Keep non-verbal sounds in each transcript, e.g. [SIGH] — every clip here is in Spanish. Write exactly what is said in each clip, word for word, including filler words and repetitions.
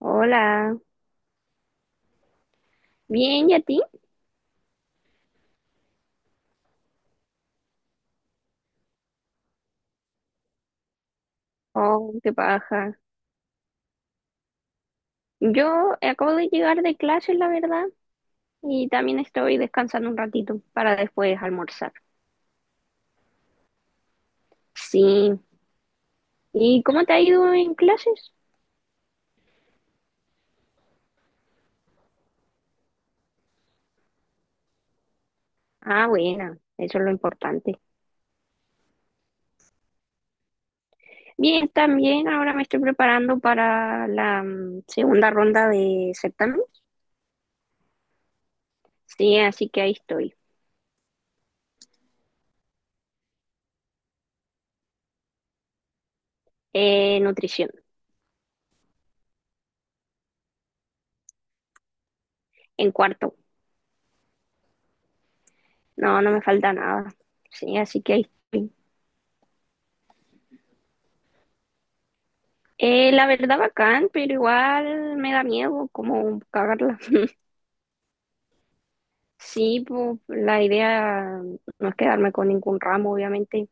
Hola, bien, ¿y a ti? Oh, qué paja. Yo acabo de llegar de clases, la verdad, y también estoy descansando un ratito para después almorzar. Sí. ¿Y cómo te ha ido en clases? Ah, buena, eso es lo importante. Bien, también ahora me estoy preparando para la mm, segunda ronda de certamen. Sí, así que ahí estoy. Eh, nutrición, en cuarto. No, no me falta nada. Sí, así que ahí estoy. Eh, la verdad bacán, pero igual me da miedo como cagarla. [LAUGHS] Sí, pues la idea no es quedarme con ningún ramo, obviamente,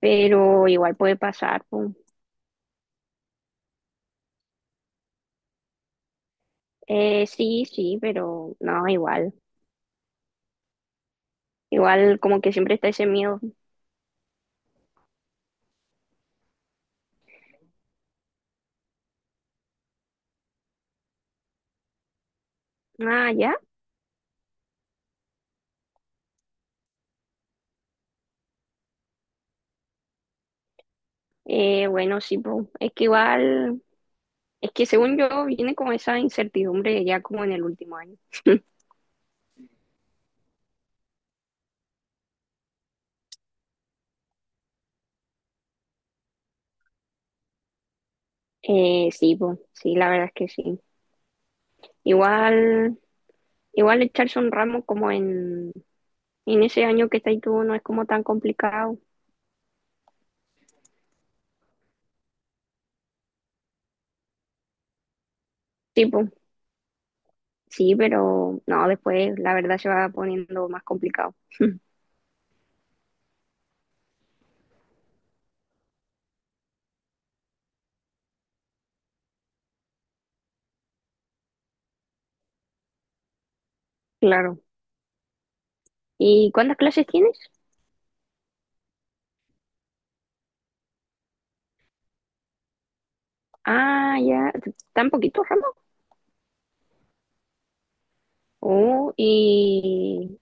pero igual puede pasar, pues. Eh, sí, sí, pero no, igual. Igual como que siempre está ese miedo. Ah, ya. Eh, bueno, sí, pues. Es que igual, es que según yo viene como esa incertidumbre ya como en el último año. Eh, sí, pues, sí, la verdad es que sí. Igual, igual echarse un ramo como en En ese año que estás tú no es como tan complicado. Sí. Tipo, sí, pero no, después la verdad se va poniendo más complicado. Claro. ¿Y cuántas clases tienes? Ah, ya, tan poquitos Ramón. Oh, y,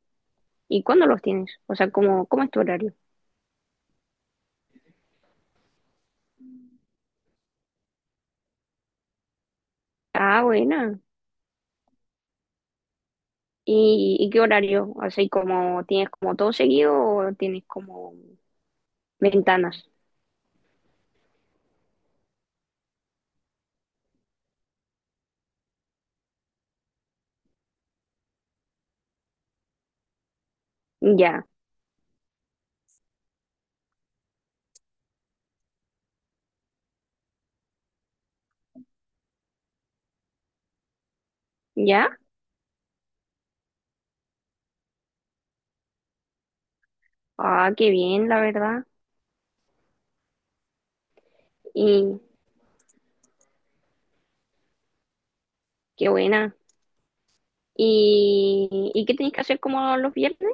¿y cuándo los tienes? O sea, ¿cómo, cómo es tu horario? Ah, buena. ¿Y, y qué horario? ¿Así como tienes como todo seguido o tienes como ventanas? Ya, ya. Ah, qué bien, la verdad. Y qué buena. ¿Y, y qué tenéis que hacer como los viernes?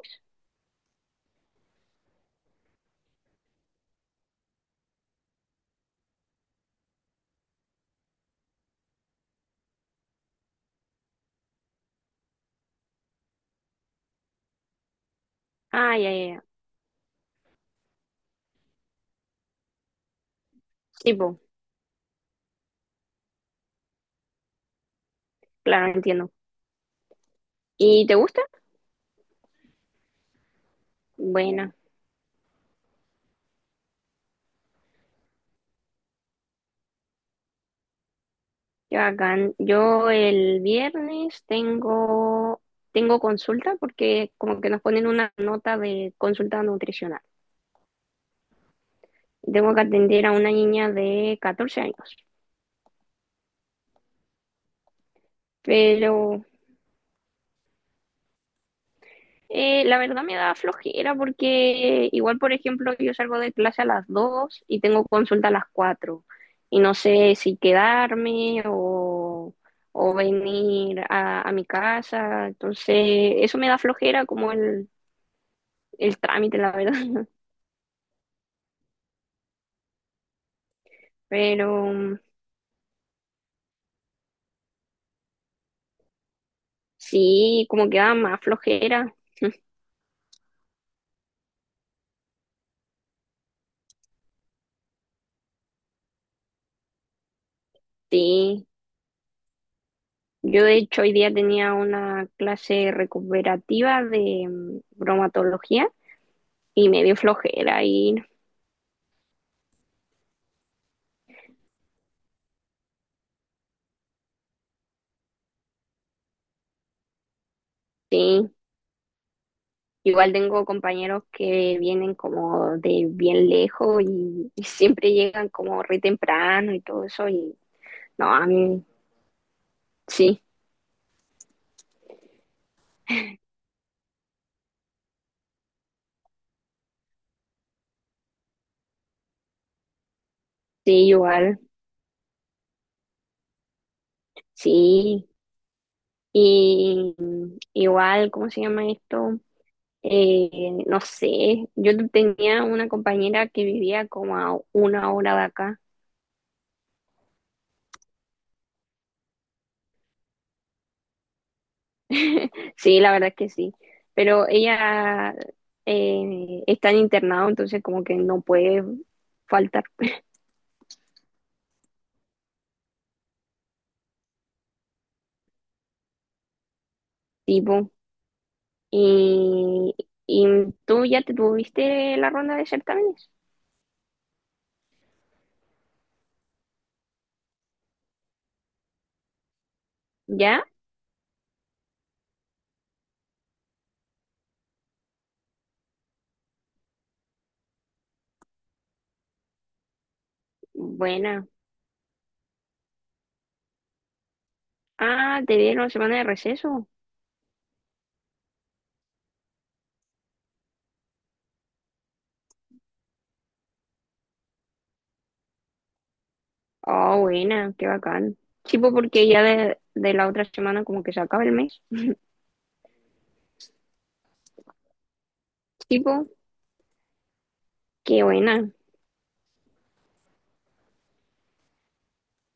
Ah, ya, ya, ya. Sí, pues, claro, entiendo. ¿Y te gusta? Bueno, qué bacán. Yo el viernes tengo, tengo consulta porque como que nos ponen una nota de consulta nutricional. Tengo que atender a una niña de catorce años. Pero Eh, la verdad me da flojera porque igual, por ejemplo, yo salgo de clase a las dos y tengo consulta a las cuatro y no sé si quedarme o, o venir a, a mi casa. Entonces, eso me da flojera como el, el trámite, la verdad. [LAUGHS] Pero mm, sí, como que da más flojera. Sí, yo de hecho hoy día tenía una clase recuperativa de mm, bromatología y me dio flojera ir. Sí. Igual tengo compañeros que vienen como de bien lejos y, y siempre llegan como re temprano y todo eso. Y no, a mí sí, sí, igual, sí. Y igual, ¿cómo se llama esto? Eh, no sé, yo tenía una compañera que vivía como a una hora de acá. [LAUGHS] Sí, la verdad es que sí. Pero ella eh, está en internado, entonces como que no puede faltar tipo. Y, y tú ya te tuviste la ronda de certámenes. ¿Ya? Buena. Ah, te dieron la semana de receso. Oh, buena, qué bacán. Tipo, porque ya de, de la otra semana como que se acaba el mes. Tipo, qué buena.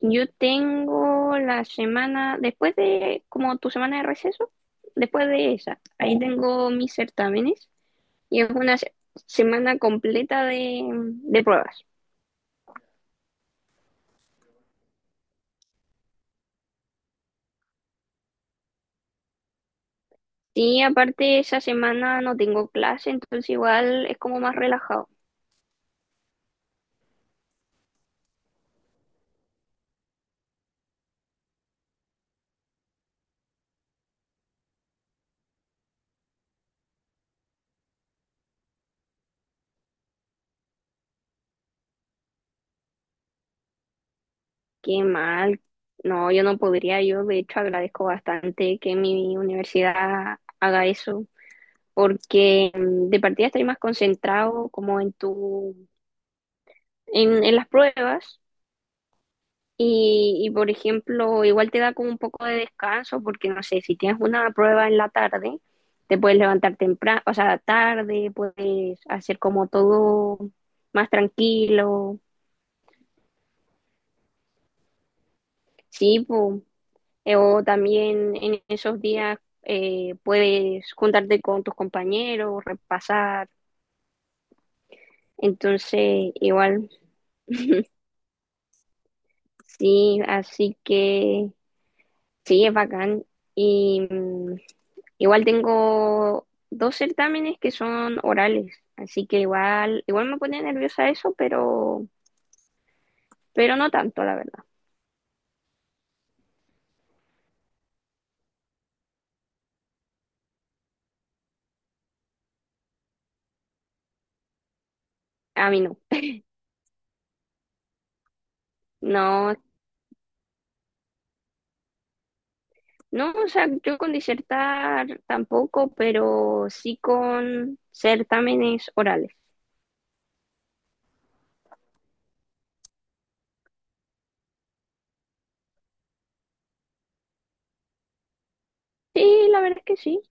Yo tengo la semana, después de, como tu semana de receso, después de esa, ahí tengo mis certámenes y es una se- semana completa de, de pruebas. Sí, aparte esa semana no tengo clase, entonces igual es como más relajado. Qué mal. No, yo no podría. Yo de hecho agradezco bastante que mi universidad haga eso, porque mm, de partida estoy más concentrado como en tu, en, en las pruebas y, y por ejemplo igual te da como un poco de descanso, porque no sé, si tienes una prueba en la tarde, te puedes levantar temprano, o sea, tarde, puedes hacer como todo más tranquilo. Sí, pu. Eh, O también en esos días eh, puedes juntarte con tus compañeros, repasar. Entonces, igual, sí, así que sí, es bacán. Y mm, igual tengo dos certámenes que son orales, así que igual, igual me pone nerviosa eso, pero, pero no tanto, la verdad. A mí no. No, no, o sea, yo con disertar tampoco, pero sí con certámenes orales. Sí, la verdad es que sí.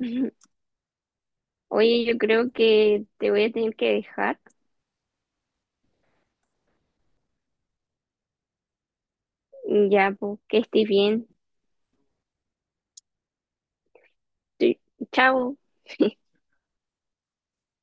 [LAUGHS] Oye, yo creo que te voy a tener que dejar ya, pues, que estés bien. Sí, chao. [LAUGHS]